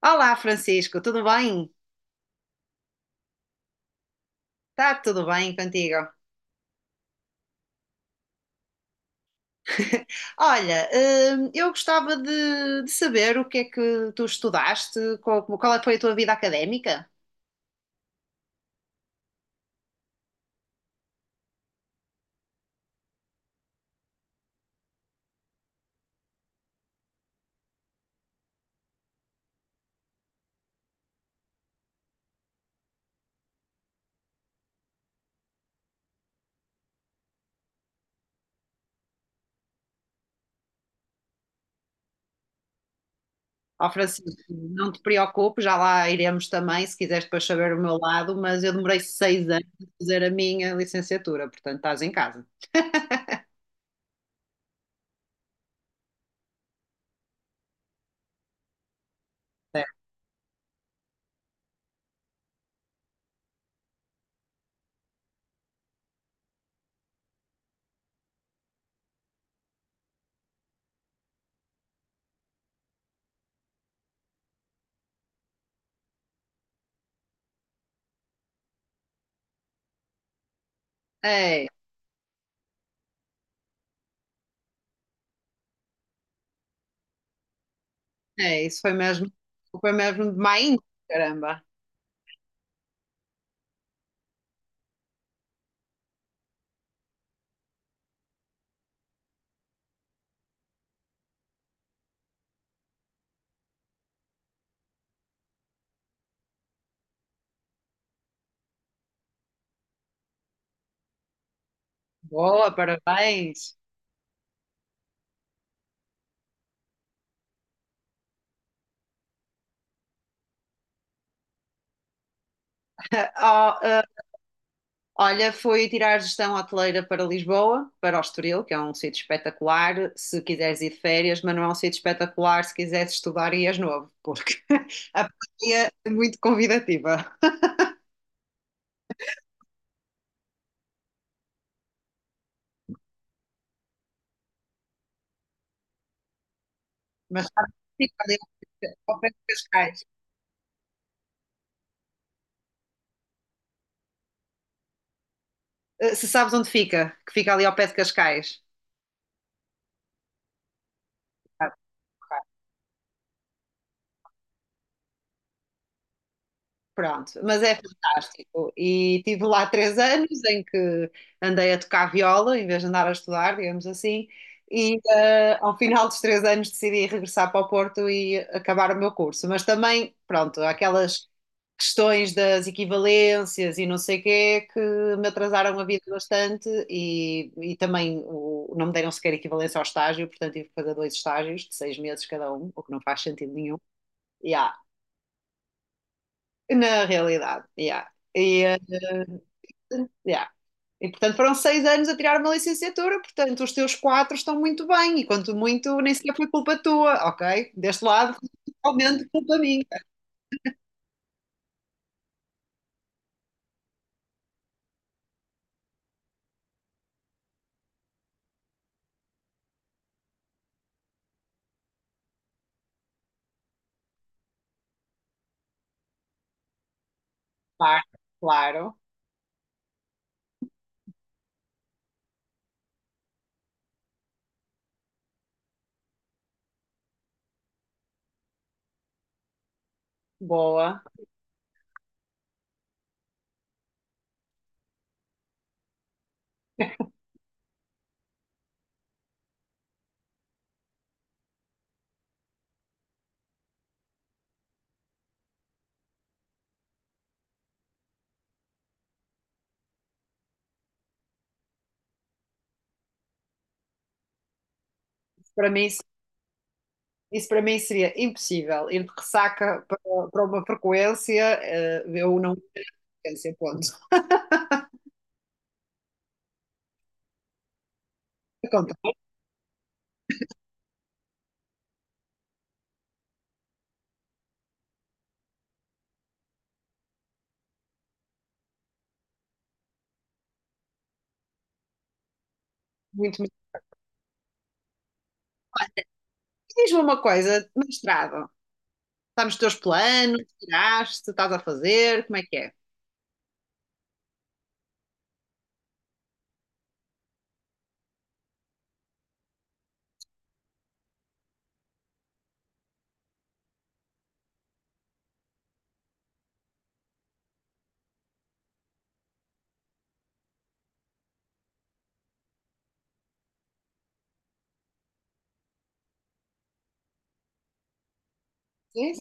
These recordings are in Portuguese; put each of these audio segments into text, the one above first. Olá, Francisco, tudo bem? Está tudo bem contigo? Olha, eu gostava de saber o que é que tu estudaste, qual é que foi a tua vida académica? Ó, Francisco, não te preocupes, já lá iremos também, se quiseres depois saber o meu lado, mas eu demorei 6 anos a fazer a minha licenciatura, portanto estás em casa. É, é, isso foi mesmo demais, caramba. Boa, parabéns. Oh, olha, foi tirar gestão hoteleira para Lisboa, para o Estoril, que é um sítio espetacular, se quiseres ir de férias, mas não é um sítio espetacular se quiseres estudar e és novo, porque a pandemia é muito convidativa. Mas sabe onde fica ali ao pé de Cascais. Se sabes onde fica, que fica ali ao pé de Cascais. Sabe, ok. Pronto, mas é fantástico. E tive lá 3 anos em que andei a tocar viola em vez de andar a estudar, digamos assim. E ao final dos 3 anos decidi regressar para o Porto e acabar o meu curso. Mas também, pronto, aquelas questões das equivalências e não sei o quê que me atrasaram a vida bastante e também o, não me deram sequer equivalência ao estágio, portanto tive que fazer dois estágios de 6 meses cada um, o que não faz sentido nenhum. Yeah. Na realidade, yeah. E, yeah. E, portanto, foram 6 anos a tirar uma licenciatura, portanto, os teus quatro estão muito bem, e quanto muito, nem sequer foi culpa tua, ok? Deste lado, foi totalmente culpa minha. Claro, claro, boa. Isso para mim, isso para mim seria impossível. Ir de ressaca para uma frequência, eu não ia na frequência, ponto. Acontece muito bem. Diz-me uma coisa, mestrado, está nos teus planos, tiraste, estás a fazer, como é que é? Sim,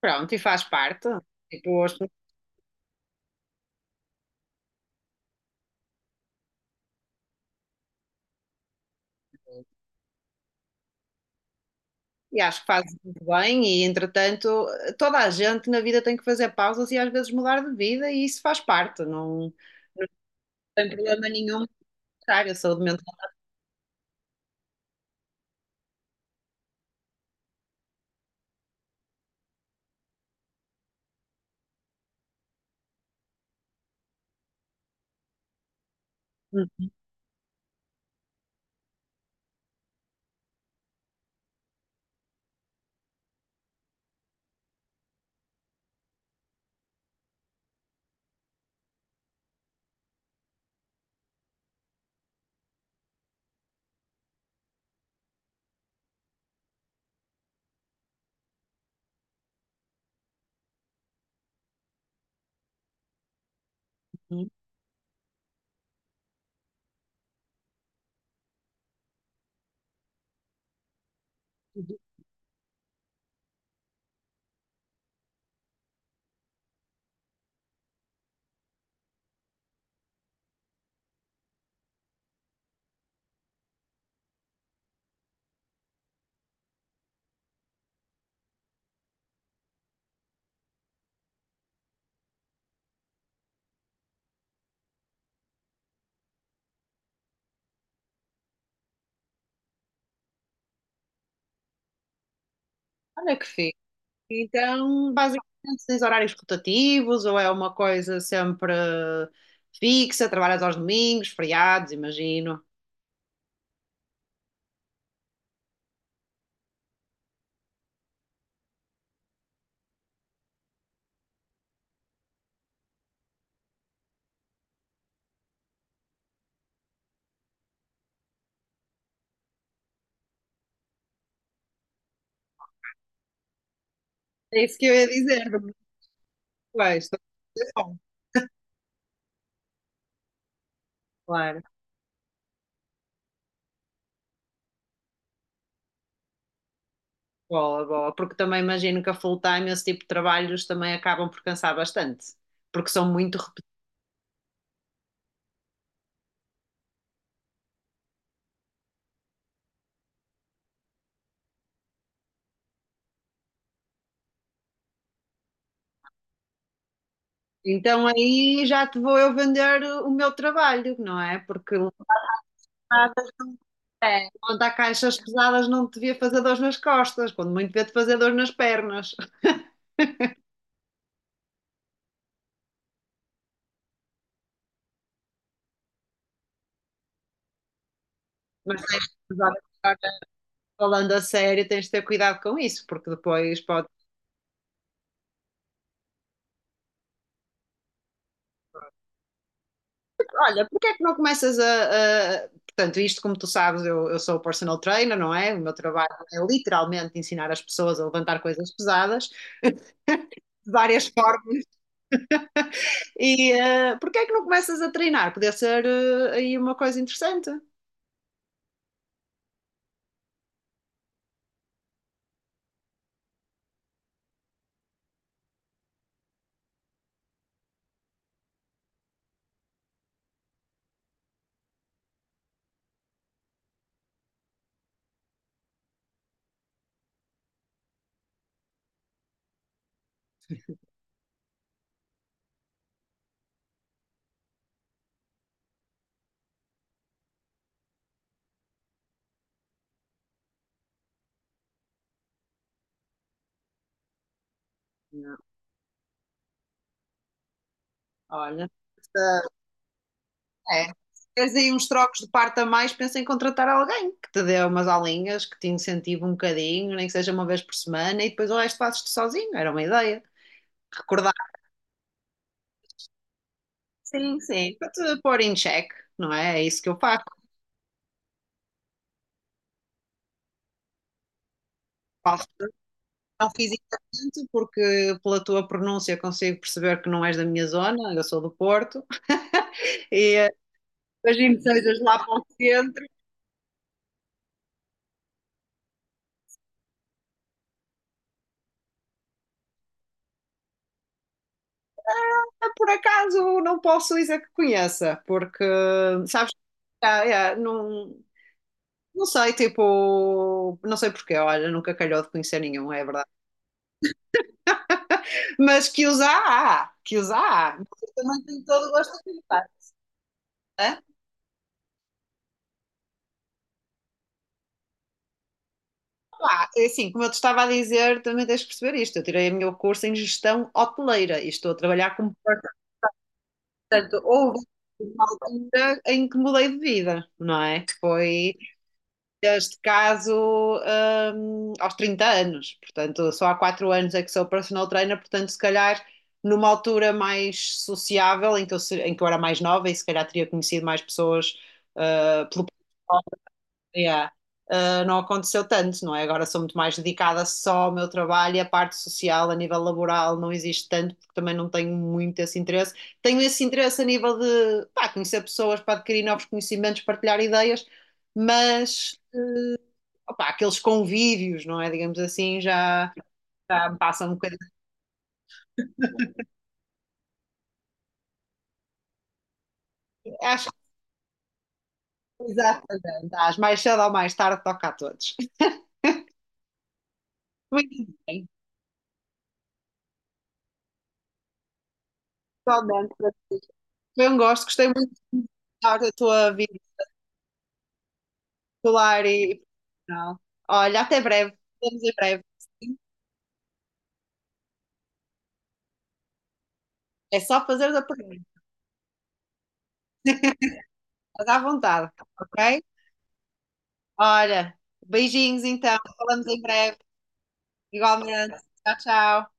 pronto, e faz parte. Tipo, as E acho que fazes muito bem, e entretanto, toda a gente na vida tem que fazer pausas e às vezes mudar de vida, e isso faz parte, não tem problema nenhum, contrário, a saúde mental. Uhum. Olha que fixe. Então, basicamente, tens horários rotativos, ou é uma coisa sempre fixa, trabalhas aos domingos, feriados, imagino. É isso que eu ia dizer, do Marcoleiros, também bom, claro. Boa, boa, porque também imagino que a full time, esse tipo de trabalhos também acabam por cansar bastante, porque são muito Então aí já te vou eu vender o meu trabalho, não é? Porque levantar É. Levantar caixas pesadas não te devia fazer dor nas costas, quando muito devia-te fazer dor nas pernas. Mas tens de usar- agora, falando a sério, tens de ter cuidado com isso, porque depois pode. Olha, porque é que não começas a. a- portanto, isto, como tu sabes, eu sou personal trainer, não é? O meu trabalho é literalmente ensinar as pessoas a levantar coisas pesadas de várias formas E porquê é que não começas a treinar? Podia ser aí uma coisa interessante. Não. Olha, se- é. Se queres aí uns trocos de parte a mais, pensa em contratar alguém que te dê umas aulinhas, que te incentive um bocadinho, nem que seja uma vez por semana, e depois o resto fazes-te sozinho. Era uma ideia. Sim, sim, para te pôr em check, não é? É isso que eu faço. Faço- não fiz exatamente porque pela tua pronúncia consigo perceber que não és da minha zona, eu sou do Porto, e imagino que sejas lá para o centro. Ah, por acaso não posso dizer que conheça, porque sabes, que ah, é, não, não sei, tipo, não sei porquê, olha, nunca calhou de conhecer nenhum, é verdade. Mas que os há, há, que os há, há. Mas eu também tenho todo o gosto de contar, pá, assim, como eu te estava a dizer, também tens de perceber isto. Eu tirei o meu curso em gestão hoteleira e estou a trabalhar como part- portanto, houve uma altura em que mudei de vida, não é? Foi, neste caso, aos 30 anos. Portanto, só há 4 anos é que sou personal trainer, portanto, se calhar numa altura mais sociável, em que eu, se- em que eu era mais nova e se calhar teria conhecido mais pessoas pelo yeah. Não aconteceu tanto, não é? Agora sou muito mais dedicada só ao meu trabalho e a parte social a nível laboral não existe tanto, porque também não tenho muito esse interesse. Tenho esse interesse a nível de pá, conhecer pessoas para adquirir novos conhecimentos, partilhar ideias, mas opá, aqueles convívios, não é? Digamos assim, já me passa um bocadinho. Acho que exatamente, às mais cedo ou mais tarde toca a todos. Muito bem, totalmente. Foi um gosto, gostei muito de da tua vida escolar e profissional. Olha, até breve. Vemos em breve. É só fazer a pergunta. Estás à vontade, ok? Olha, beijinhos então. Falamos em breve. Igualmente. Tchau, tchau.